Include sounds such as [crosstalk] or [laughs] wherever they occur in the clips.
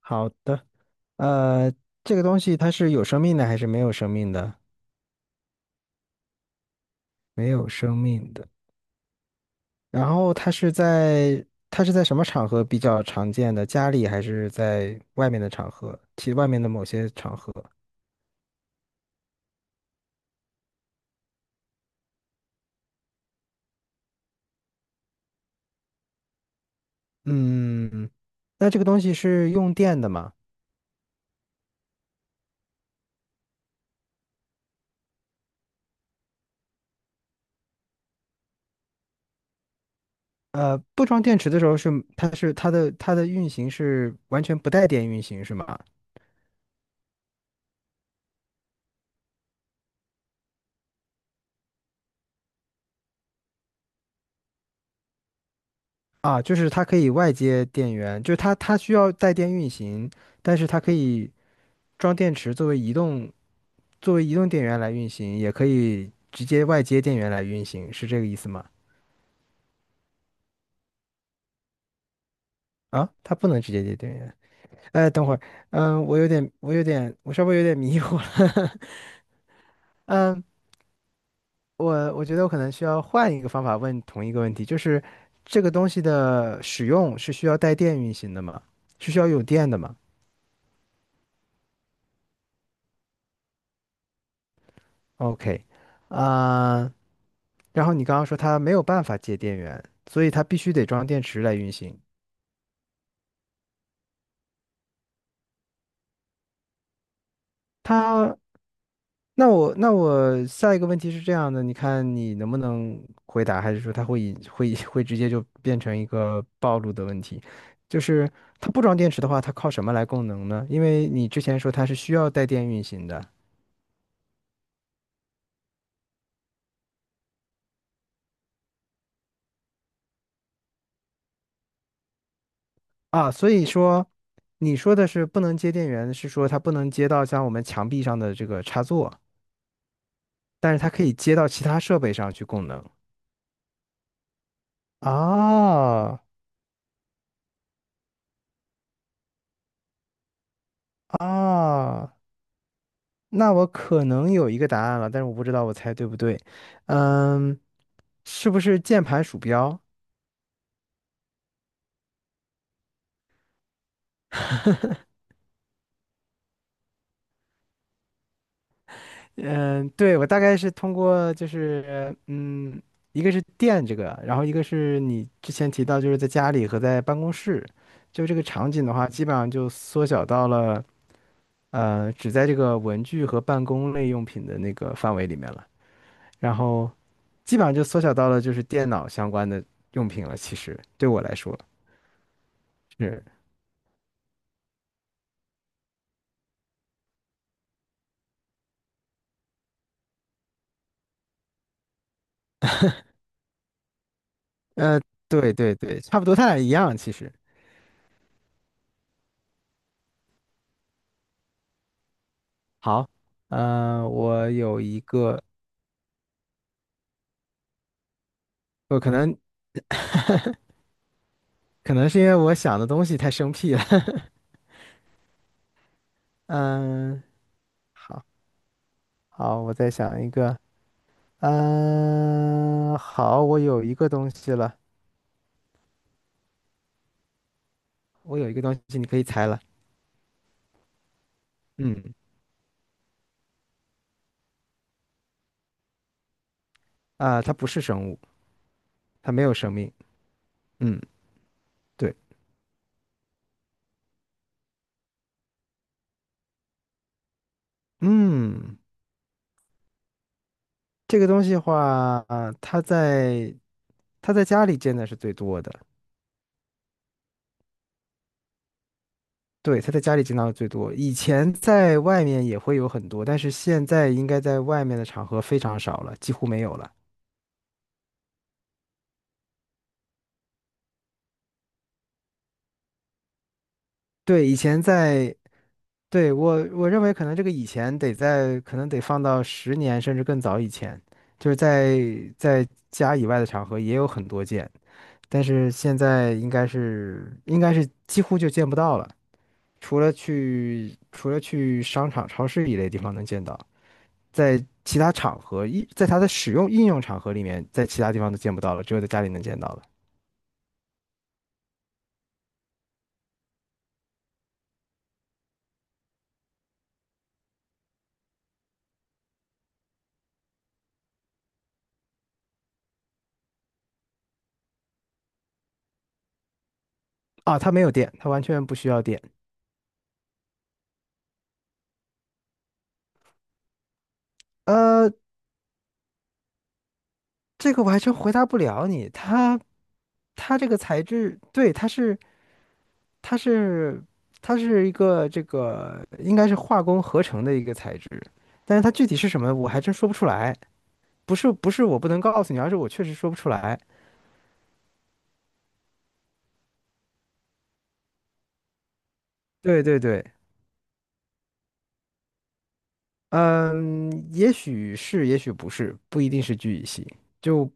好的，呃，这个东西它是有生命的还是没有生命的？没有生命的。然后它是在什么场合比较常见的？家里还是在外面的场合？其外面的某些场合。嗯，那这个东西是用电的吗？不装电池的时候是它的运行是完全不带电运行是吗？啊，就是它可以外接电源，就是它需要带电运行。但是它可以装电池作为移动电源来运行，也可以直接外接电源来运行，是这个意思吗？啊，它不能直接接电源。哎，等会儿，嗯，我稍微有点迷糊了。[laughs] 嗯，我觉得我可能需要换一个方法问同一个问题，就是这个东西的使用是需要带电运行的吗？是需要有电的吗？OK,啊、然后你刚刚说它没有办法接电源，所以它必须得装电池来运行。它那我下一个问题是这样的，你看你能不能回答，还是说它会引会会直接就变成一个暴露的问题？就是它不装电池的话，它靠什么来供能呢？因为你之前说它是需要带电运行的啊，所以说你说的是不能接电源，是说它不能接到像我们墙壁上的这个插座，但是它可以接到其他设备上去供能啊啊。那我可能有一个答案了，但是我不知道我猜对不对。嗯，是不是键盘鼠标？嗯，对，我大概是通过就是嗯，一个是电这个，然后一个是你之前提到就是在家里和在办公室，就这个场景的话，基本上就缩小到了只在这个文具和办公类用品的那个范围里面了，然后基本上就缩小到了就是电脑相关的用品了。其实对我来说是。呃，对对对，差不多，他俩一样其实。好，呃，我有一个，我可能可能是因为我想的东西太生僻了。[laughs] 嗯，好好，我再想一个。嗯，好，我有一个东西了，我有一个东西，你可以猜了。嗯，啊，它不是生物，它没有生命。嗯，对，嗯，这个东西的话，啊，它在家里见的是最多的。对，他在家里见到的最多，以前在外面也会有很多，但是现在应该在外面的场合非常少了，几乎没有了。对，以前在，对，我认为可能这个以前得在，可能得放到十年甚至更早以前，就是在在家以外的场合也有很多见，但是现在应该是几乎就见不到了，除了去商场、超市一类地方能见到。在其他场合，在它的使用应用场合里面，在其他地方都见不到了，只有在家里能见到了。啊，它没有电，它完全不需要电。呃，这个我还真回答不了你。它这个材质，对，它是它是一个这个应该是化工合成的一个材质，但是它具体是什么，我还真说不出来。不是不是我不能告诉你，而是我确实说不出来。对对对。嗯，也许是，也许不是，不一定是聚乙烯。就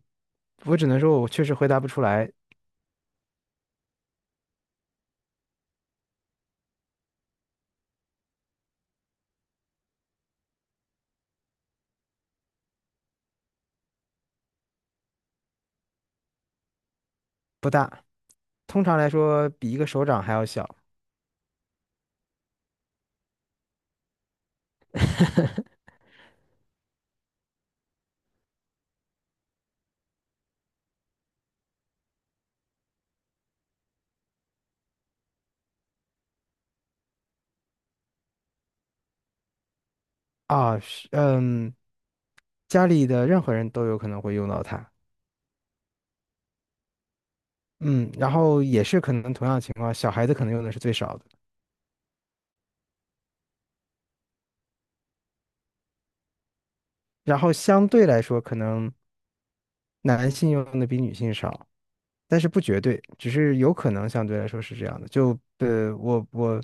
我只能说，我确实回答不出来，不大。通常来说，比一个手掌还要小啊。是嗯，家里的任何人都有可能会用到它。嗯，然后也是可能同样的情况，小孩子可能用的是最少的，然后相对来说，可能男性用的比女性少。但是不绝对，只是有可能相对来说是这样的。就呃，我我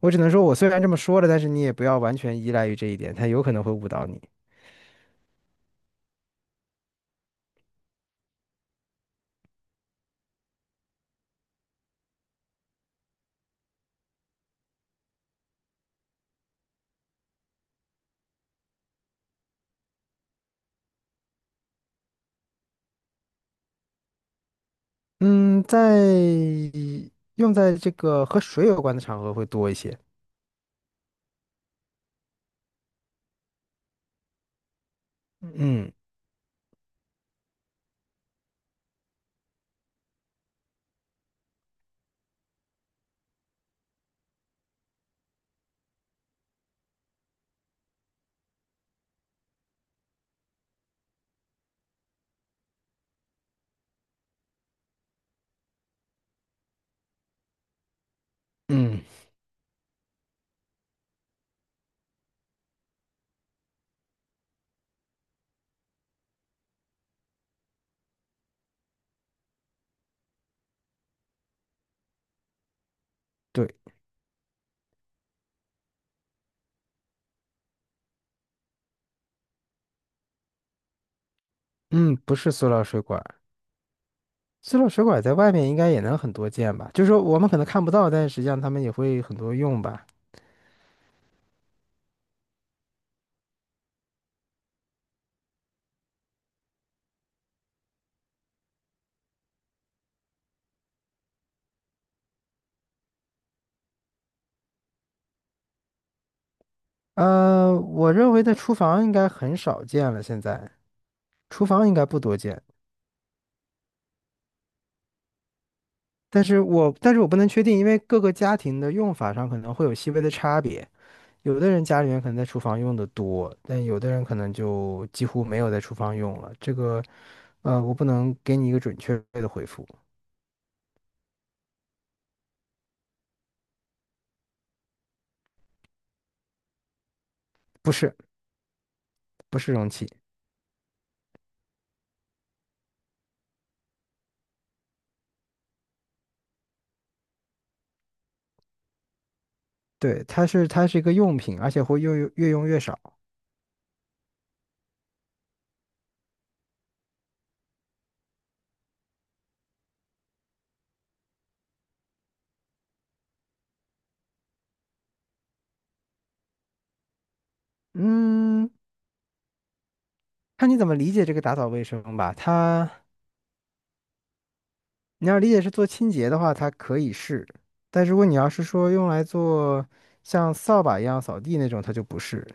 我只能说，我虽然这么说了，但是你也不要完全依赖于这一点，它有可能会误导你。嗯，用在这个和水有关的场合会多一些。嗯嗯，对，嗯，不是塑料水管儿在外面应该也能很多见吧？就是说我们可能看不到，但是实际上他们也会很多用吧？呃，我认为在厨房应该很少见了，现在厨房应该不多见。但是我不能确定，因为各个家庭的用法上可能会有细微的差别。有的人家里面可能在厨房用的多，但有的人可能就几乎没有在厨房用了。这个，呃，我不能给你一个准确的回复。不是，不是容器，对，它是一个用品，而且会越用越用越少。嗯，看你怎么理解这个打扫卫生吧。你要理解是做清洁的话，它可以是，但如果你要是说用来做像扫把一样扫地那种，它就不是。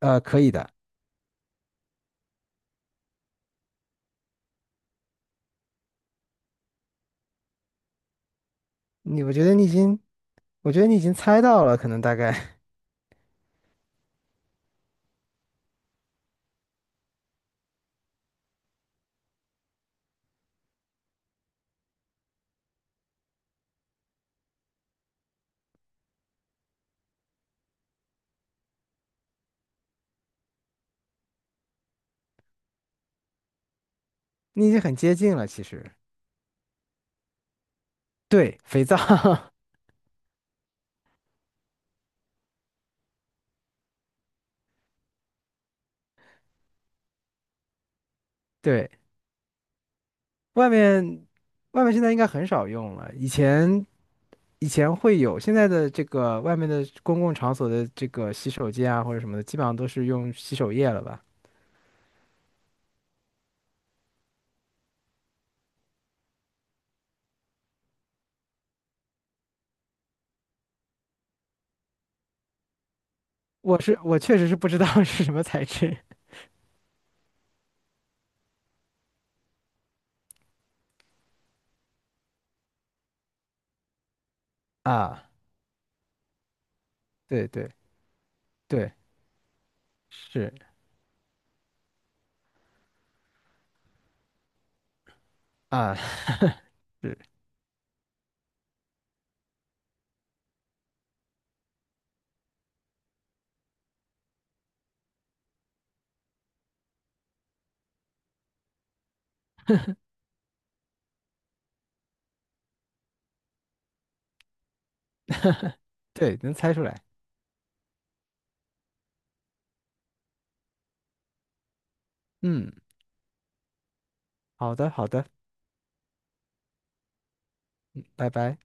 呃，可以的，你我觉得你已经，我觉得你已经猜到了，可能大概 [laughs] 你已经很接近了。其实，对，肥皂，[laughs] 对，外面现在应该很少用了，以前会有，现在的这个外面的公共场所的这个洗手间啊或者什么的，基本上都是用洗手液了吧？我确实是不知道 [laughs] 是什么材质啊，对对对，是啊是，对，能猜出来。嗯，好的好的，拜拜。